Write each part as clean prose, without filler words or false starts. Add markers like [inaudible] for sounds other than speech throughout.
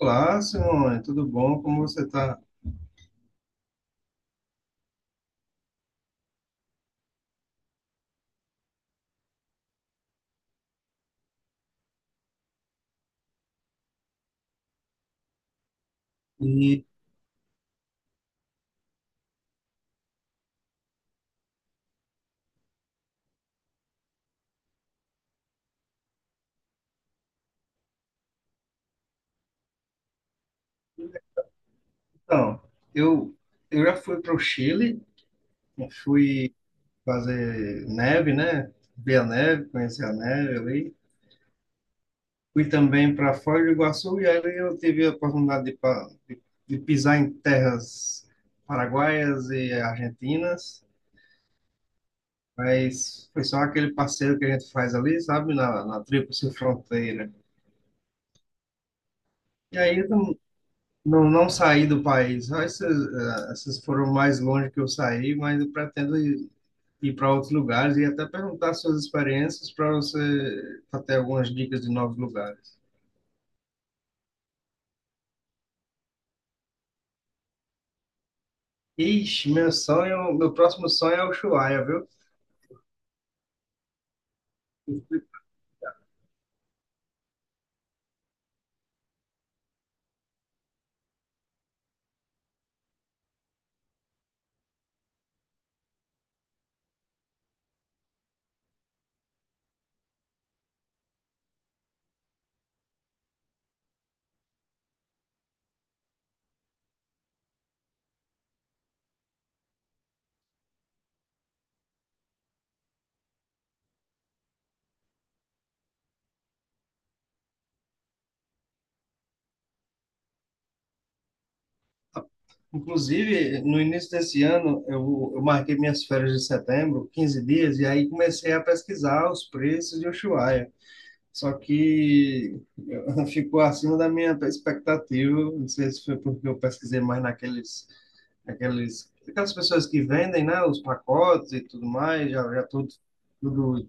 Olá, Simone, tudo bom? Como você está? E, então, eu, eu já fui para o Chile, eu fui fazer neve, né? Ver a neve, conhecer a neve ali. Fui também para Foz do Iguaçu e ali eu tive a oportunidade de pisar em terras paraguaias e argentinas, mas foi só aquele passeio que a gente faz ali, sabe? Na Tríplice Fronteira. E aí. Não, não saí do país. Só essas foram mais longe que eu saí, mas eu pretendo ir para outros lugares e até perguntar suas experiências para você pra ter algumas dicas de novos lugares. Ixi, meu sonho, meu próximo sonho é o Ushuaia, viu? Inclusive, no início desse ano, eu marquei minhas férias de setembro, 15 dias, e aí comecei a pesquisar os preços de Ushuaia. Só que eu- [laughs] ficou acima da minha expectativa. Não sei se foi porque eu pesquisei mais aquelas pessoas que vendem, né, os pacotes e tudo mais, já tudo, tudo.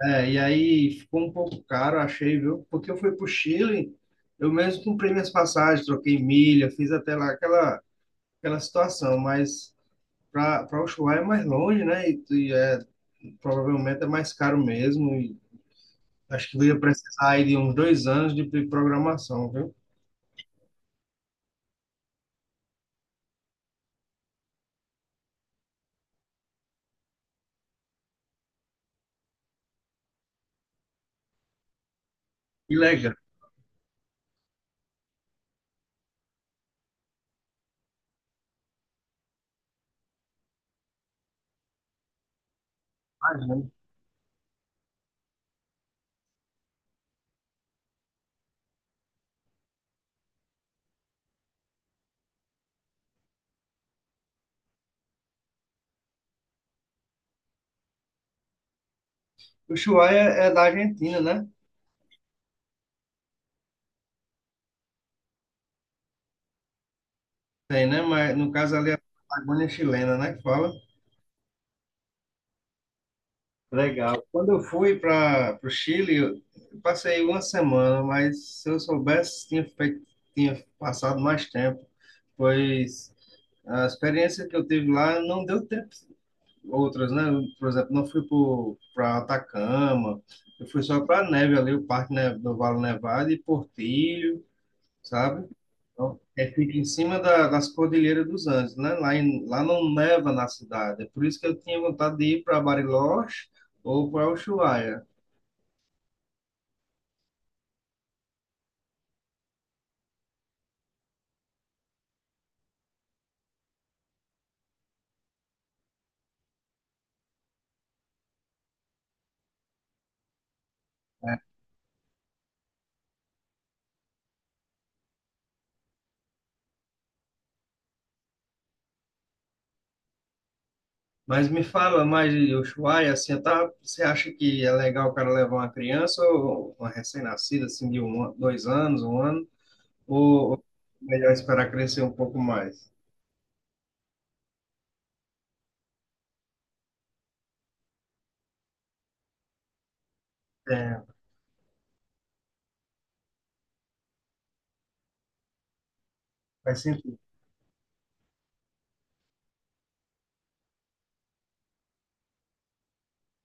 É, e aí ficou um pouco caro, achei, viu? Porque eu fui para o Chile, eu mesmo comprei minhas passagens, troquei milha, fiz até lá aquela situação, mas para o Ushuaia é mais longe, né? E é, provavelmente é mais caro mesmo. Acho que eu ia precisar aí de uns 2 anos de programação, viu? Que legal. Imagina. O Ushuaia é da Argentina, né? Tem, né? Mas no caso ali é a Patagônia chilena, né? Que fala. Legal. Quando eu fui para o Chile, eu passei uma semana, mas se eu soubesse, tinha passado mais tempo, pois a experiência que eu tive lá não deu tempo outras, né? Por exemplo, não fui para Atacama, eu fui só para neve ali, o do Vale Nevado e Portilho, sabe? Então, é, fica em cima das Cordilheiras dos Andes, né? Lá, lá não neva na cidade, é por isso que eu tinha vontade de ir para Bariloche ou para Ushuaia. É. Mas me fala mais de Ushuaia, assim, tá, você acha que é legal o cara levar uma criança ou uma recém-nascida, assim, de um, 2 anos, 1 ano, ou é melhor esperar crescer um pouco mais? É, faz sentido.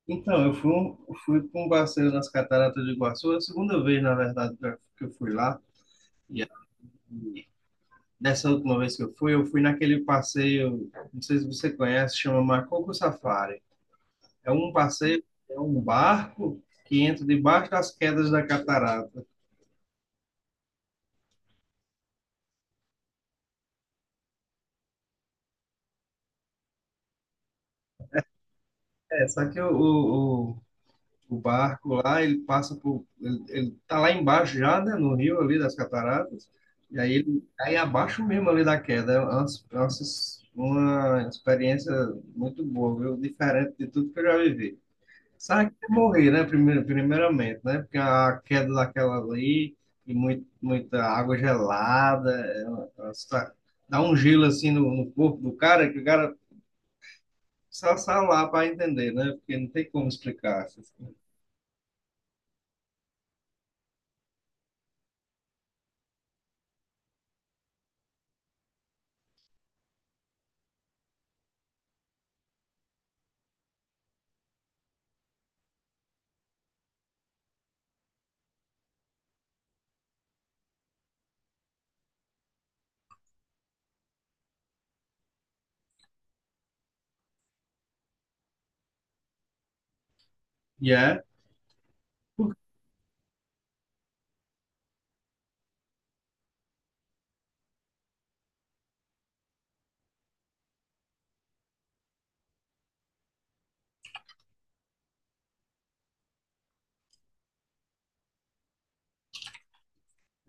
Então, eu fui para um passeio nas Cataratas do Iguaçu, a segunda vez, na verdade, que eu fui lá. E, e dessa última vez que eu fui naquele passeio, não sei se você conhece, chama Macoco Safari. É um passeio, é um barco que entra debaixo das quedas da catarata. É, só que o, o barco lá, ele passa por. Ele tá lá embaixo já, né, no rio ali das cataratas, e aí ele cai abaixo mesmo ali da queda. É uma experiência muito boa, viu? Diferente de tudo que eu já vivi. Sabe que é morrer, né? Primeiro, primeiramente, né? Porque a queda daquela ali e muito, muita água gelada, dá um gelo assim no corpo do cara que o cara só sai lá para entender, né? Porque não tem como explicar. E é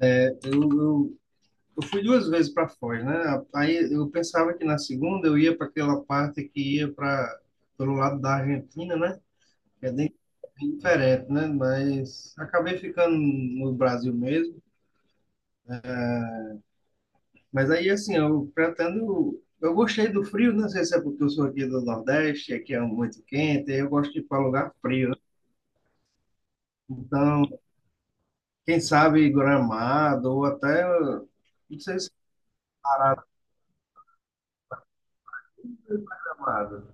É, eu, eu, eu fui 2 vezes para Foz, né? Aí eu pensava que na segunda eu ia para aquela parte que ia para pelo lado da Argentina, né? Que é bem, bem diferente, né? Mas acabei ficando no Brasil mesmo. Mas aí, assim, eu pretendo. Eu gostei do frio, não sei se é porque eu sou aqui do Nordeste, aqui é muito quente, aí eu gosto de ir para lugar frio, né? Então, quem sabe Gramado ou até. Não sei se Gramado.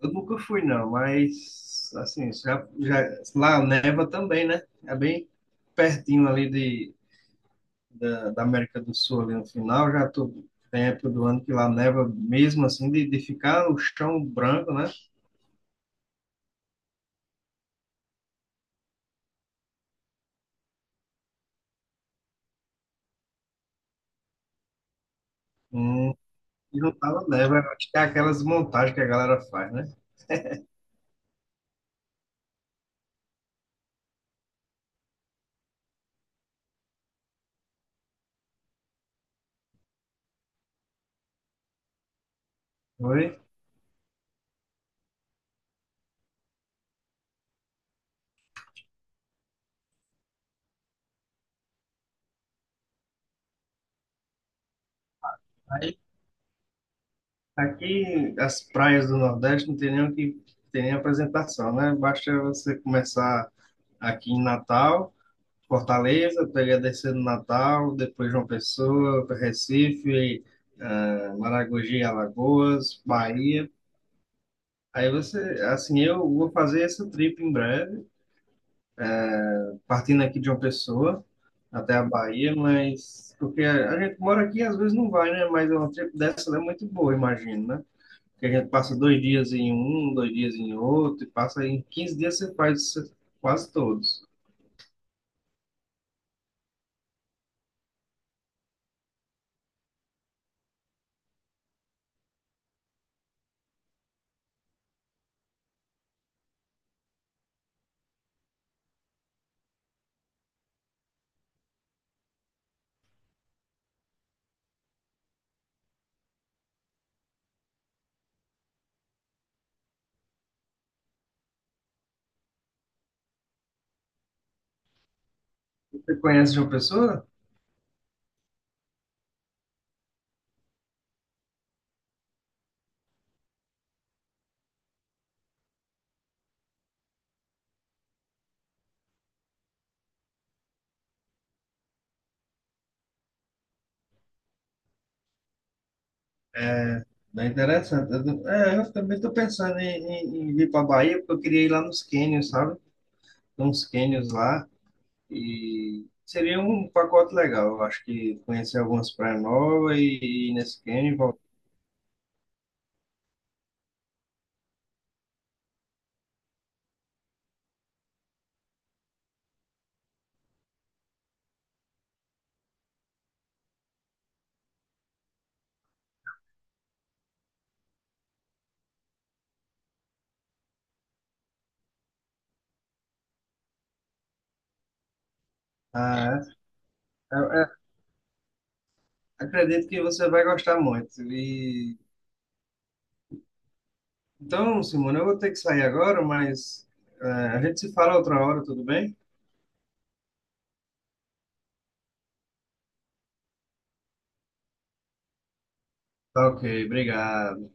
Eu nunca fui, não, mas assim, já, já, lá neva também, né? É bem pertinho ali da América do Sul, ali no final, já tô, tem época do ano que lá neva mesmo assim, de ficar o chão branco, né? Hum, e não tava neva, acho que é aquelas montagens que a galera faz, né? Oi? Aí, aqui, as praias do Nordeste não tem nem o que tem nem apresentação, né? Basta você começar aqui em Natal. Fortaleza, peguei a descer no Natal, depois João Pessoa, Recife, Maragogi, Alagoas, Bahia. Aí você, assim, eu vou fazer essa trip em breve, partindo aqui de João Pessoa até a Bahia, mas porque a gente mora aqui às vezes não vai, né? Mas é uma trip dessa é muito boa, imagino, né? Porque a gente passa 2 dias em um, 2 dias em outro, e passa em 15 dias você faz quase todos. Você conhece João Pessoa? É, bem interessante. Eu também estou pensando em, vir para a Bahia, porque eu queria ir lá nos cânions, sabe? Tem uns cânions lá e seria um pacote legal. Eu acho que conhecer algumas praias novas e ir nesse cânion. E voltar. Ah, é. Eu acredito que você vai gostar muito. E, então, Simone, eu vou ter que sair agora, mas é, a gente se fala outra hora, tudo bem? Tá ok, obrigado.